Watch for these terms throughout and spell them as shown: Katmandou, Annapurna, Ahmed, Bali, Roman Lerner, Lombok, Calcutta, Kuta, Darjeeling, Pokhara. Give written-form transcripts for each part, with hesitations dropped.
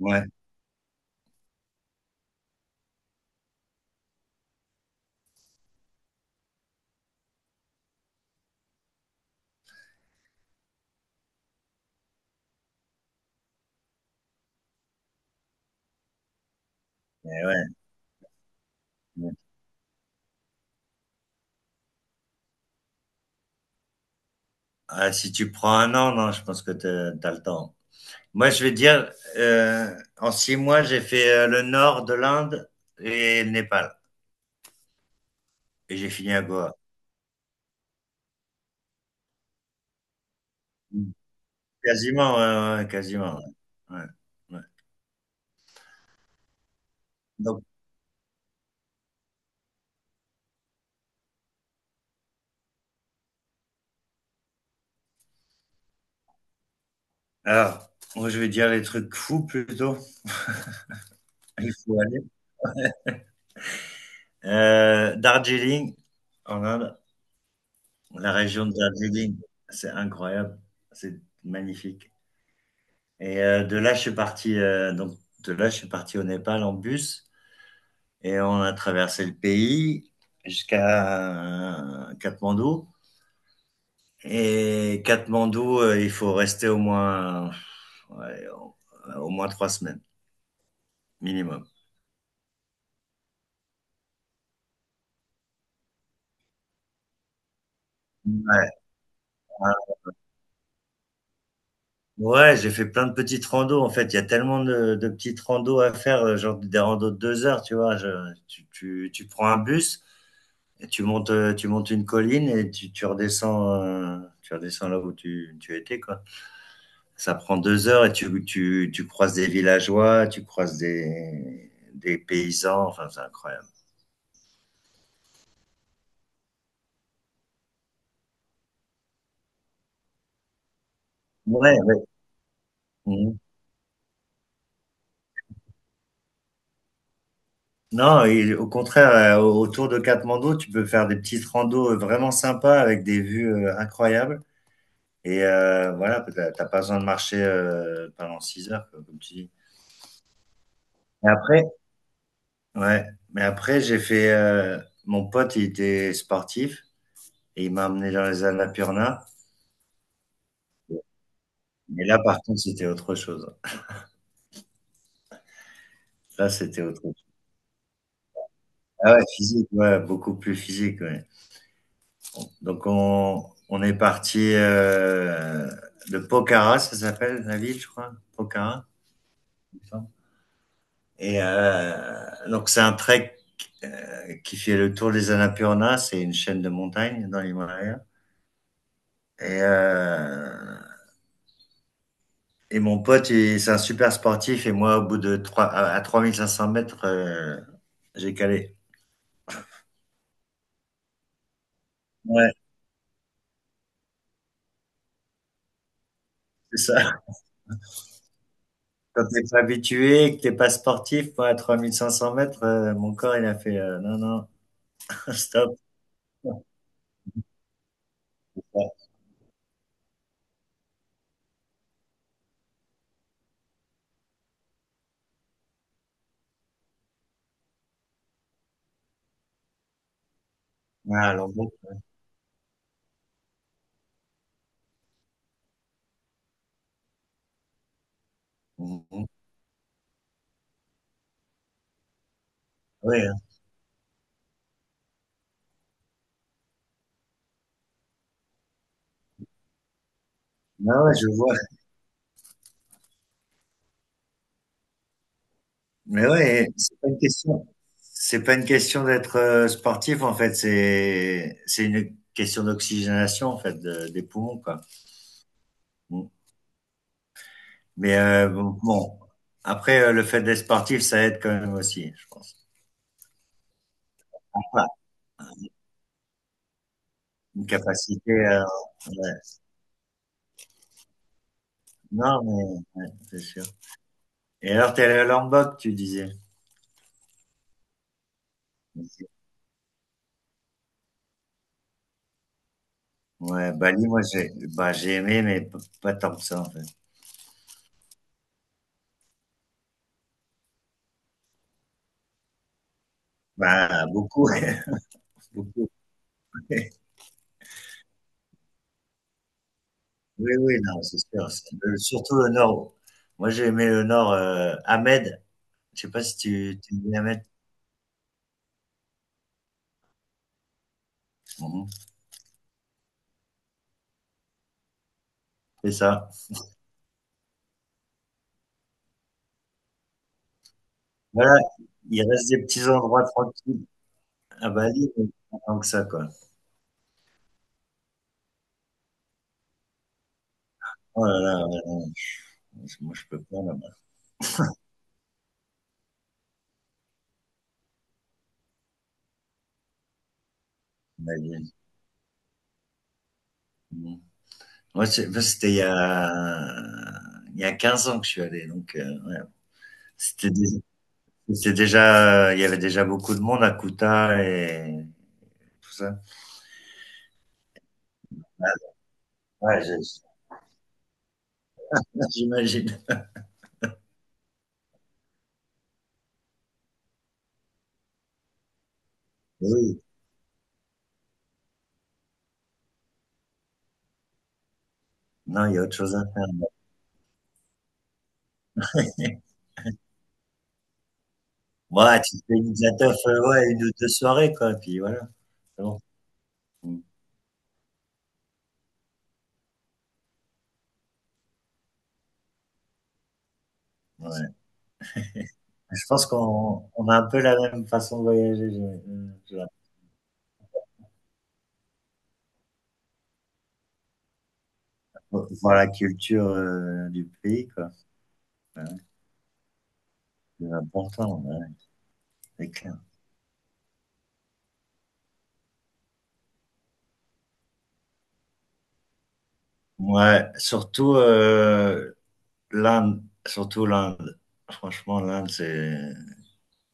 Ouais, eh ouais. Ouais. Ah, si tu prends un an, non, je pense que t'as le temps. Moi, je vais dire, en 6 mois, j'ai fait le nord de l'Inde et le Népal. Et j'ai fini à Goa. Quasiment, ouais, ouais, ouais, quasiment. Ouais. Ouais, ouais. Donc, alors, moi, je vais dire les trucs fous plutôt. Il faut aller. Darjeeling, en Inde, la région de Darjeeling, c'est incroyable. C'est magnifique. Et de là, je suis parti, donc, de là, je suis parti au Népal en bus et on a traversé le pays jusqu'à Katmandou. Et Katmandou, il faut rester au moins, ouais, au moins trois semaines minimum. Ouais, ouais, ouais, j'ai fait plein de petites randos. En fait, il y a tellement de petites randos à faire, genre des randos de 2 heures, tu vois. Tu prends un bus, et tu montes, une colline et tu redescends, là où tu étais, quoi. Ça prend 2 heures et tu croises des villageois, tu croises des paysans, enfin, c'est incroyable. Ouais, ouais. Mhm. Non, et au contraire, autour de Katmandou, tu peux faire des petites randos vraiment sympas avec des vues incroyables. Et voilà, t'as pas besoin de marcher pendant 6 heures, quoi, comme tu dis. Mais après, ouais, mais après, mon pote, il était sportif, et il m'a amené dans les Annapurna. Mais là, par contre, c'était autre chose. Là, c'était autre chose. Ah ouais, physique, ouais, beaucoup plus physique. Ouais. Donc, on est parti de Pokhara, ça s'appelle la ville, je crois. Pokhara. Et donc, c'est un trek qui fait le tour des Annapurna. C'est une chaîne de montagnes dans l'Himalaya. Et, euh, et mon pote, c'est un super sportif. Et moi, au bout de 3 500 mètres, j'ai calé. Ouais. C'est ça. Quand t'es pas habitué que t'es pas sportif, moi, à 3 500 mètres, mon corps, il a fait, «Non, non, stop». Ouais. Ah, l'embout. Mmh mh. Ouais, hein. Ouais, ouais, je vois. Mais ouais, c'est pas une question d'être, sportif, en fait, c'est une question d'oxygénation, en fait, de des poumons, quoi. Mmh. Mais bon, après, le fait d'être sportif, ça aide quand même aussi, je pense. Ouais, une capacité, heu, ouais. Non, mais ouais, c'est sûr. Et alors, t'es allé à Lombok, tu disais? Ouais, Bali, moi, j'ai aimé, mais pas tant que ça, en fait. Bah, beaucoup, beaucoup. Oui, oui, non, c'est sûr. Surtout le nord. Moi, j'ai aimé le nord, Ahmed. Je sais pas si tu dis Ahmed. Mhm. C'est ça. Voilà, il reste des petits endroits tranquilles à Bali, mais pas tant que ça, quoi. Oh là là, ouais, non, moi, je peux pas, là-bas. Bali. Mhm. Moi, c'était il y a 15 ans que je suis allé, donc… C'était dé c'était déjà, il y avait déjà beaucoup de monde à Kuta et tout ça. Ah ouais, je j'imagine. Oui, non, il y a autre chose à faire. Ouais, tu te fais une zateuf, ouais, une ou 2 soirées quoi, puis voilà, c'est bon. Mmh, ouais. Je pense qu'on a un peu la même façon de voyager, je vois voir la culture, du pays quoi. Bah ouais, c'est important, ouais, c'est clair. Ouais, surtout, surtout l'Inde. Franchement, l'Inde, c'est,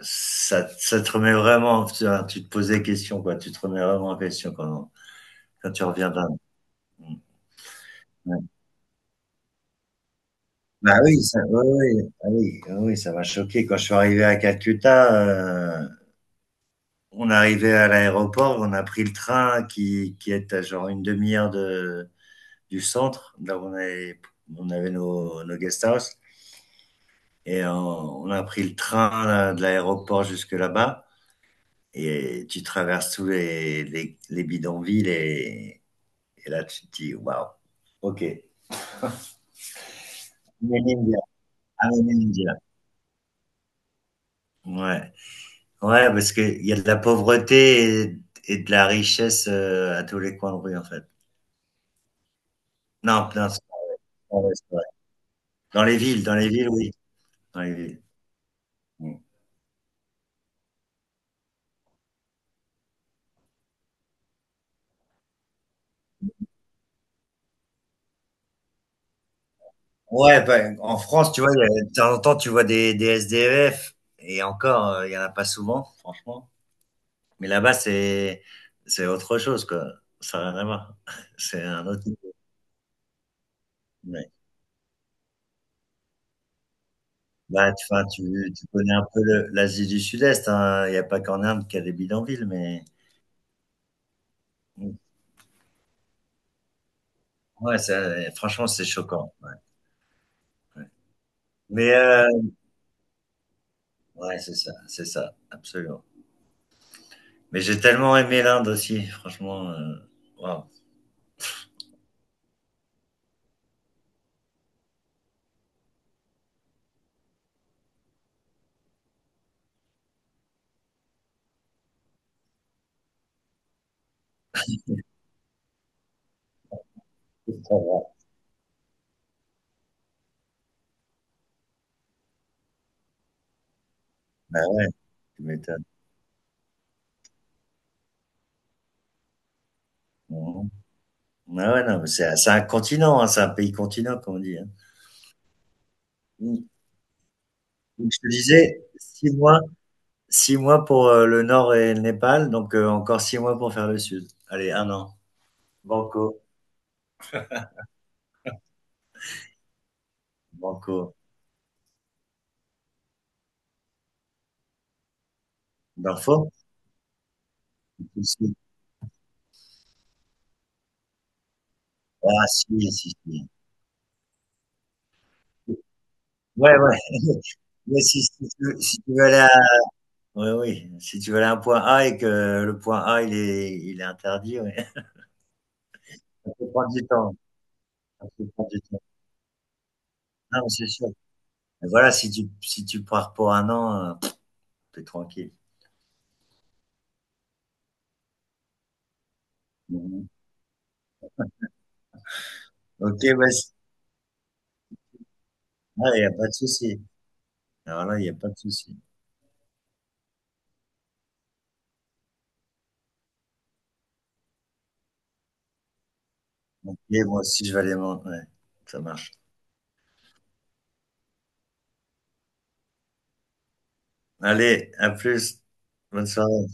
ça, ça te remet vraiment, tu, vois, tu te posais question, quoi. Tu te remets vraiment en question quand, quand tu reviens d'Inde. Mm. Ouais. Bah oui, ça, oui, oui, ah oui, ah oui, ça m'a choqué. Quand je suis arrivé à Calcutta, euh, on arrivait à l'aéroport, on a pris le train qui est à genre une demi-heure de, du centre, là où on avait nos guest house, et on a pris le train là, de l'aéroport jusque là-bas. Et tu traverses tous les bidonvilles et là, tu te dis, waouh, ok. I'm an Indian. I'm an Indian. Ouais, ouais, parce qu'il y a de la pauvreté et de la richesse à tous les coins de rue, en fait. Non, non, c'est pas vrai, c'est vrai. Dans les villes, oui. Dans les villes. Mm. Ouais, ben, en France, tu vois, de temps en temps, tu vois des SDF, et encore, il y en a pas souvent, franchement. Mais là-bas, c'est autre chose, quoi. Ça n'a rien à voir. C'est un autre niveau. Ouais. Tu tu connais un peu l'Asie du Sud-Est, hein. Il n'y a pas qu'en Inde qu'il y a des bidonvilles, mais ouais, franchement, c'est choquant. Ouais, ouais. Mais ouais, c'est ça, absolument. Mais j'ai tellement aimé l'Inde aussi, franchement. Waouh. Ça va. Bah ouais, tu m'étonnes. Mhm. Ah ouais, non, mais c'est un continent, hein, c'est un pays continent, comme on dit, hein. Mm. Donc, je te disais, 6 mois, 6 mois pour, le nord et le Népal, donc encore 6 mois pour faire le sud. Allez, un an. Banco, banco. Il Si, si. Ah si, si, si. Ouais, ouais. Mais si tu veux si tu veux aller à oui, oui, si tu veux aller à un point A et que le point A, il est interdit, oui. Ça peut prendre du temps, ça peut prendre du temps. Non, mais c'est sûr. Mais voilà, si tu pars pour un an, tu es tranquille. Mmh. OK, ah, il y a pas de souci. Alors là, il y a pas de souci. Ok, moi aussi, je vais aller manger. Ouais, ça marche. Allez, à plus. Bonne soirée.